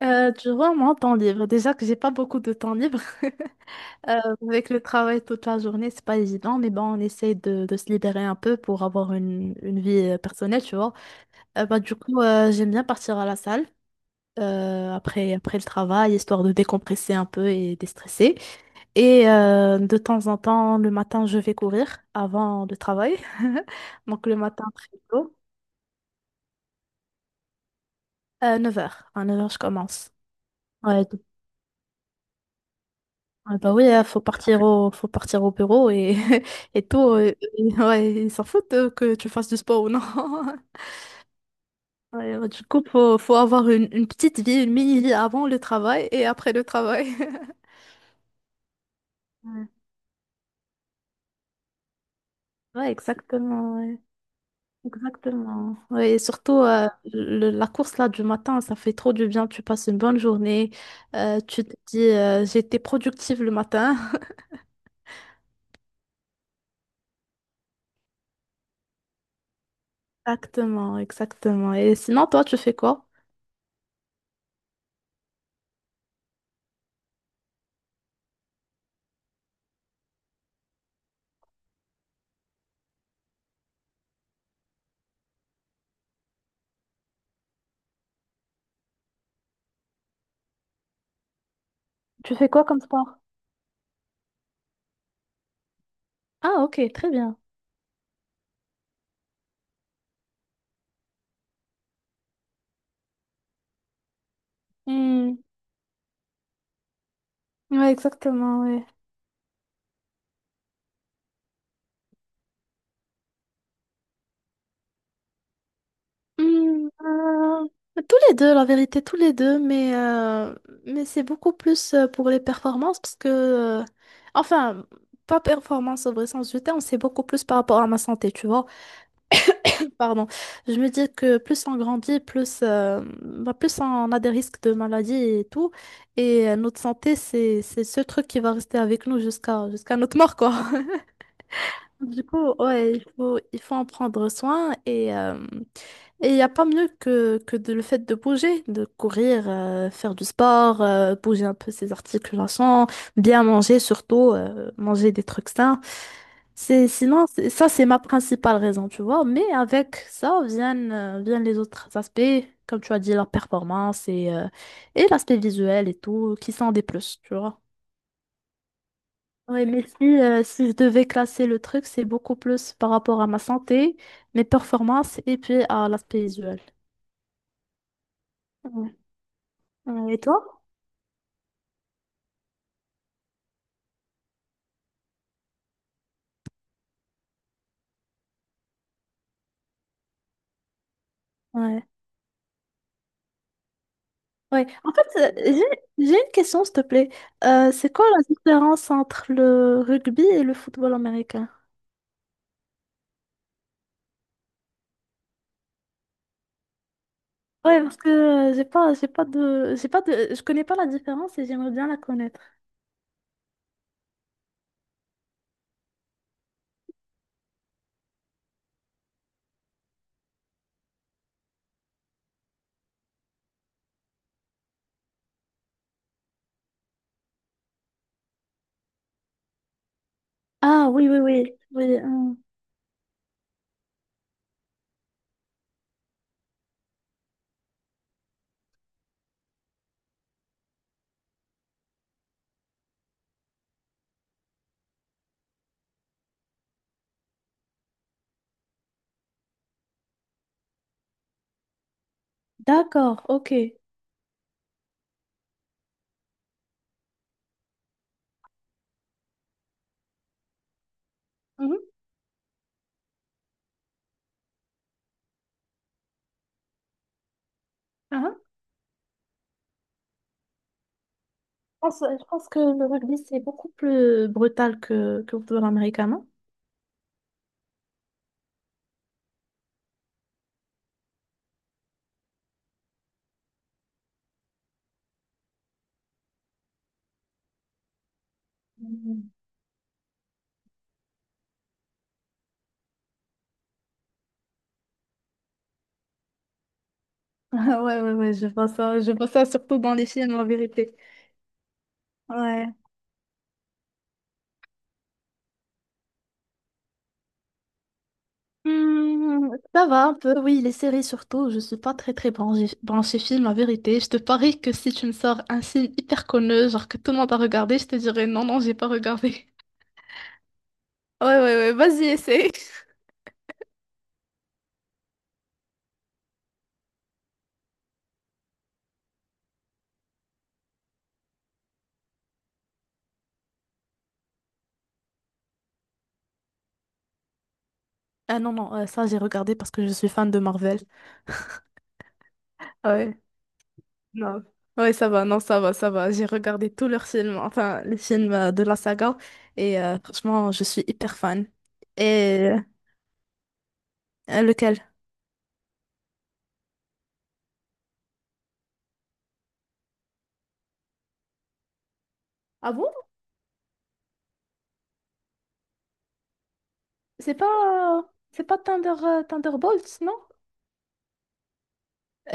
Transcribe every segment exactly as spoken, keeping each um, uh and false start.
Euh, tu vois, moi, temps libre, déjà que j'ai pas beaucoup de temps libre, euh, avec le travail toute la journée, c'est pas évident, mais bon, on essaie de, de se libérer un peu pour avoir une, une vie euh, personnelle, tu vois. Euh, bah, du coup, euh, j'aime bien partir à la salle euh, après, après le travail, histoire de décompresser un peu et déstresser. Et euh, de temps en temps, le matin, je vais courir avant le travail. Donc, le matin, très tôt. Euh, neuf heures À neuf heures je commence. Ouais. Ah bah oui, hein, faut partir au, faut partir au bureau et, et tout. euh, et- ouais, ils s'en foutent euh, que tu fasses du sport ou non. Ouais, ouais, du coup, faut, faut avoir une, une petite vie, une mini-vie avant le travail et après le travail. Ouais. Ouais, exactement, ouais. Exactement. Ouais, et surtout, euh, le- la course là du matin, ça fait trop du bien. Tu passes une bonne journée. Euh, tu te dis, euh, j'ai été productive le matin. Exactement, exactement. Et sinon, toi, tu fais quoi? Tu fais quoi comme sport? Ah, ok, très bien. Hmm. Ouais, exactement, ouais. Hmm, euh, Tous les deux, la vérité, tous les deux, mais, euh, mais c'est beaucoup plus euh, pour les performances parce que, euh, enfin, pas performance au vrai sens du terme, c'est beaucoup plus par rapport à ma santé, tu vois. Pardon. Je me dis que plus on grandit, plus, euh, bah, plus on a des risques de maladies et tout. Et euh, notre santé, c'est, c'est ce truc qui va rester avec nous jusqu'à jusqu'à notre mort, quoi. Du coup, ouais, il faut, il faut en prendre soin. Et. Et il n'y a pas mieux que, que de, le fait de bouger, de courir, euh, faire du sport, euh, bouger un peu ses articulations, bien manger surtout, euh, manger des trucs sains. C'est, sinon, c'est- ça, c'est ma principale raison, tu vois. Mais avec ça viennent, euh, viennent les autres aspects, comme tu as dit, la performance et, euh, et l'aspect visuel et tout, qui sont des plus, tu vois. Oui, mais si, euh, si je devais classer le truc, c'est beaucoup plus par rapport à ma santé, mes performances et puis à l'aspect visuel. Ouais. Et toi? Ouais. Ouais. En fait, euh, j'ai j'ai une question, s'il te plaît. Euh, c'est quoi la différence entre le rugby et le football américain? Ouais, parce que euh, j'ai pas, j'ai pas de, j'ai pas de, je connais pas la différence et j'aimerais bien la connaître. Ah oui, oui, oui, oui. Hum. D'accord, ok. Mhm. Ah, Je pense, je pense que le rugby c'est beaucoup plus brutal que, que le football américain, non? Mhm. Ah, ouais, ouais, ouais, je vois ça, je vois ça surtout dans les films, en vérité. Ouais. Hmm, ça va un peu, oui, les séries surtout. Je suis pas très très branchée, branchée film, la vérité. Je te parie que si tu me sors un film hyper connu, genre que tout le monde a regardé, je te dirais non, non, j'ai pas regardé. Ouais, ouais, ouais, vas-y, essaye. Ah non, non, euh, ça j'ai regardé parce que je suis fan de Marvel. Ouais, non. Ouais, ça va, non, ça va, ça va. J'ai regardé tous leurs films, enfin, les films euh, de la saga, et euh, franchement, je suis hyper fan. Et euh, lequel? Ah bon? C'est pas, c'est pas Thunder, euh, Thunderbolts, non?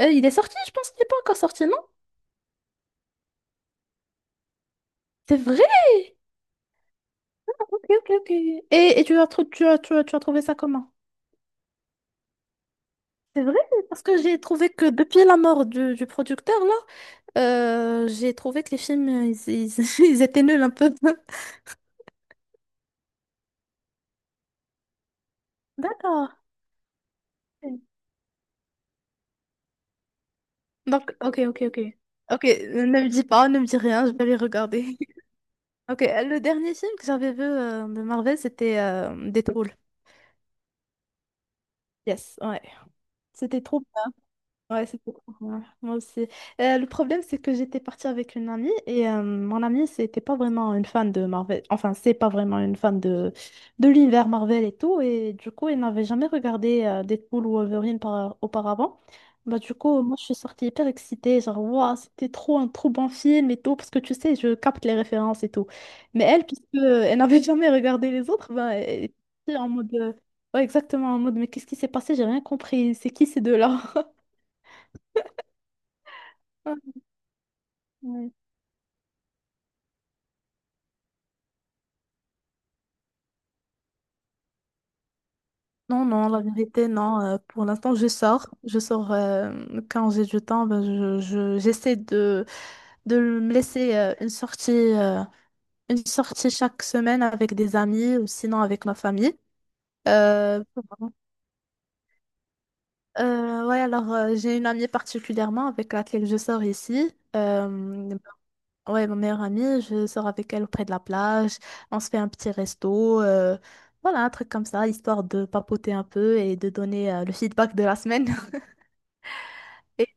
Euh, il est sorti, je pense qu'il n'est pas encore sorti, non? C'est vrai? Ok, ok, ok. Et, et tu as, trou- tu as, tu as, tu as trouvé ça comment? C'est vrai, parce que j'ai trouvé que depuis la mort du, du producteur, là, euh, j'ai trouvé que les films, euh, ils, ils- ils étaient nuls un peu. D'accord. Donc, ok, ok, ok. Ok, euh, ne me dis pas, ne me dis rien, je vais les regarder. Ok, euh, le dernier film que j'avais vu euh, de Marvel, c'était euh, Deadpool. Yes, ouais. C'était trop Ouais, c'était trop bien. Moi aussi. Euh, le problème, c'est que j'étais partie avec une amie et euh, mon amie, c'était pas vraiment une fan de Marvel. Enfin, c'est pas vraiment une fan de, de l'univers Marvel et tout. Et du coup, elle n'avait jamais regardé euh, Deadpool ou Wolverine par- auparavant. Bah, du coup, moi, je suis sortie hyper excitée. Genre, waouh, c'était trop un trop bon film et tout. Parce que tu sais, je capte les références et tout. Mais elle, puisque elle n'avait jamais regardé les autres, bah, elle était en mode. euh, Ouais, exactement, en mode, mais qu'est-ce qui s'est passé? J'ai rien compris. C'est qui ces deux-là? Oui. Non, non, la vérité, non. Euh, pour l'instant, je sors. Je sors euh, quand j'ai du temps. Ben, je, je- j'essaie de, de me laisser euh, une sortie, euh, une sortie chaque semaine avec des amis ou sinon avec ma famille. Euh, euh, ouais, alors euh, j'ai une amie particulièrement avec laquelle je sors ici. Euh, ouais, ma meilleure amie, je sors avec elle auprès de la plage. On se fait un petit resto. Euh, voilà, un truc comme ça, histoire de papoter un peu et de donner euh, le feedback de la semaine. Et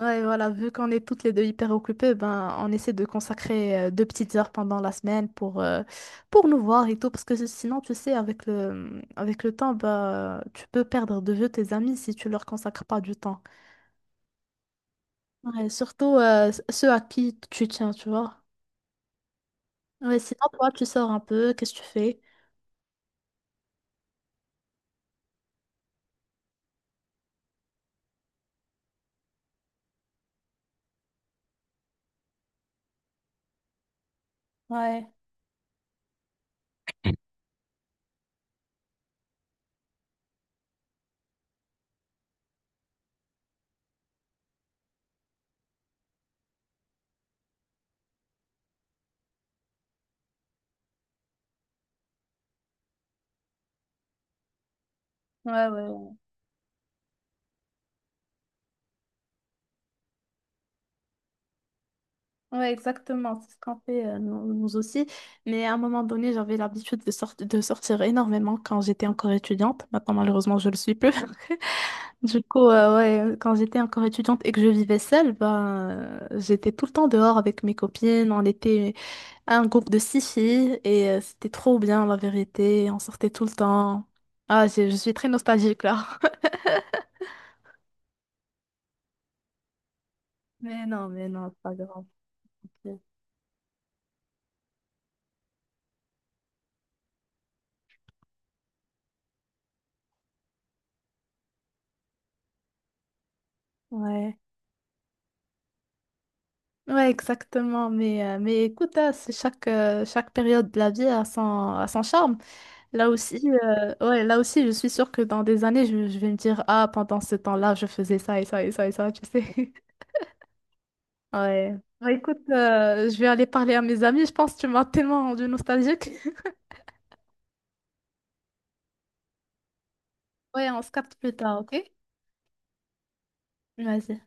ouais, voilà, vu qu'on est toutes les deux hyper occupées, ben, on essaie de consacrer euh, deux petites heures pendant la semaine pour, euh, pour nous voir et tout. Parce que sinon, tu sais, avec le, avec le temps, bah, tu peux perdre de vue tes amis si tu leur consacres pas du temps. Ouais, surtout euh, ceux à qui tu tiens, tu vois. Ouais, sinon, toi, tu sors un peu, qu'est-ce que tu fais? Ouais, ouais, ouais. Ouais. Ouais, exactement, c'est ce qu'on fait euh, nous, nous aussi. Mais à un moment donné, j'avais l'habitude de, sorti- de sortir énormément quand j'étais encore étudiante. Maintenant, malheureusement, je le suis plus. Du coup, euh, ouais, quand j'étais encore étudiante et que je vivais seule, ben, euh, j'étais tout le temps dehors avec mes copines. On était un groupe de six filles et euh, c'était trop bien, la vérité. On sortait tout le temps. Ah, j'ai- je suis très nostalgique là. Mais non, mais non, c'est pas grave. Ok. Ouais. Ouais, exactement. Mais, euh, mais écoute, hein, c'est chaque, euh, chaque période de la vie a son, a son charme. Là aussi, euh, ouais, là aussi, je suis sûre que dans des années, je, je vais me dire, ah, pendant ce temps-là, je faisais ça et ça et ça et ça, tu sais. Ouais. Bah, écoute, euh, je vais aller parler à mes amis. Je pense que tu m'as tellement rendue nostalgique. Ouais, on se capte plus tard, ok? Vas-y.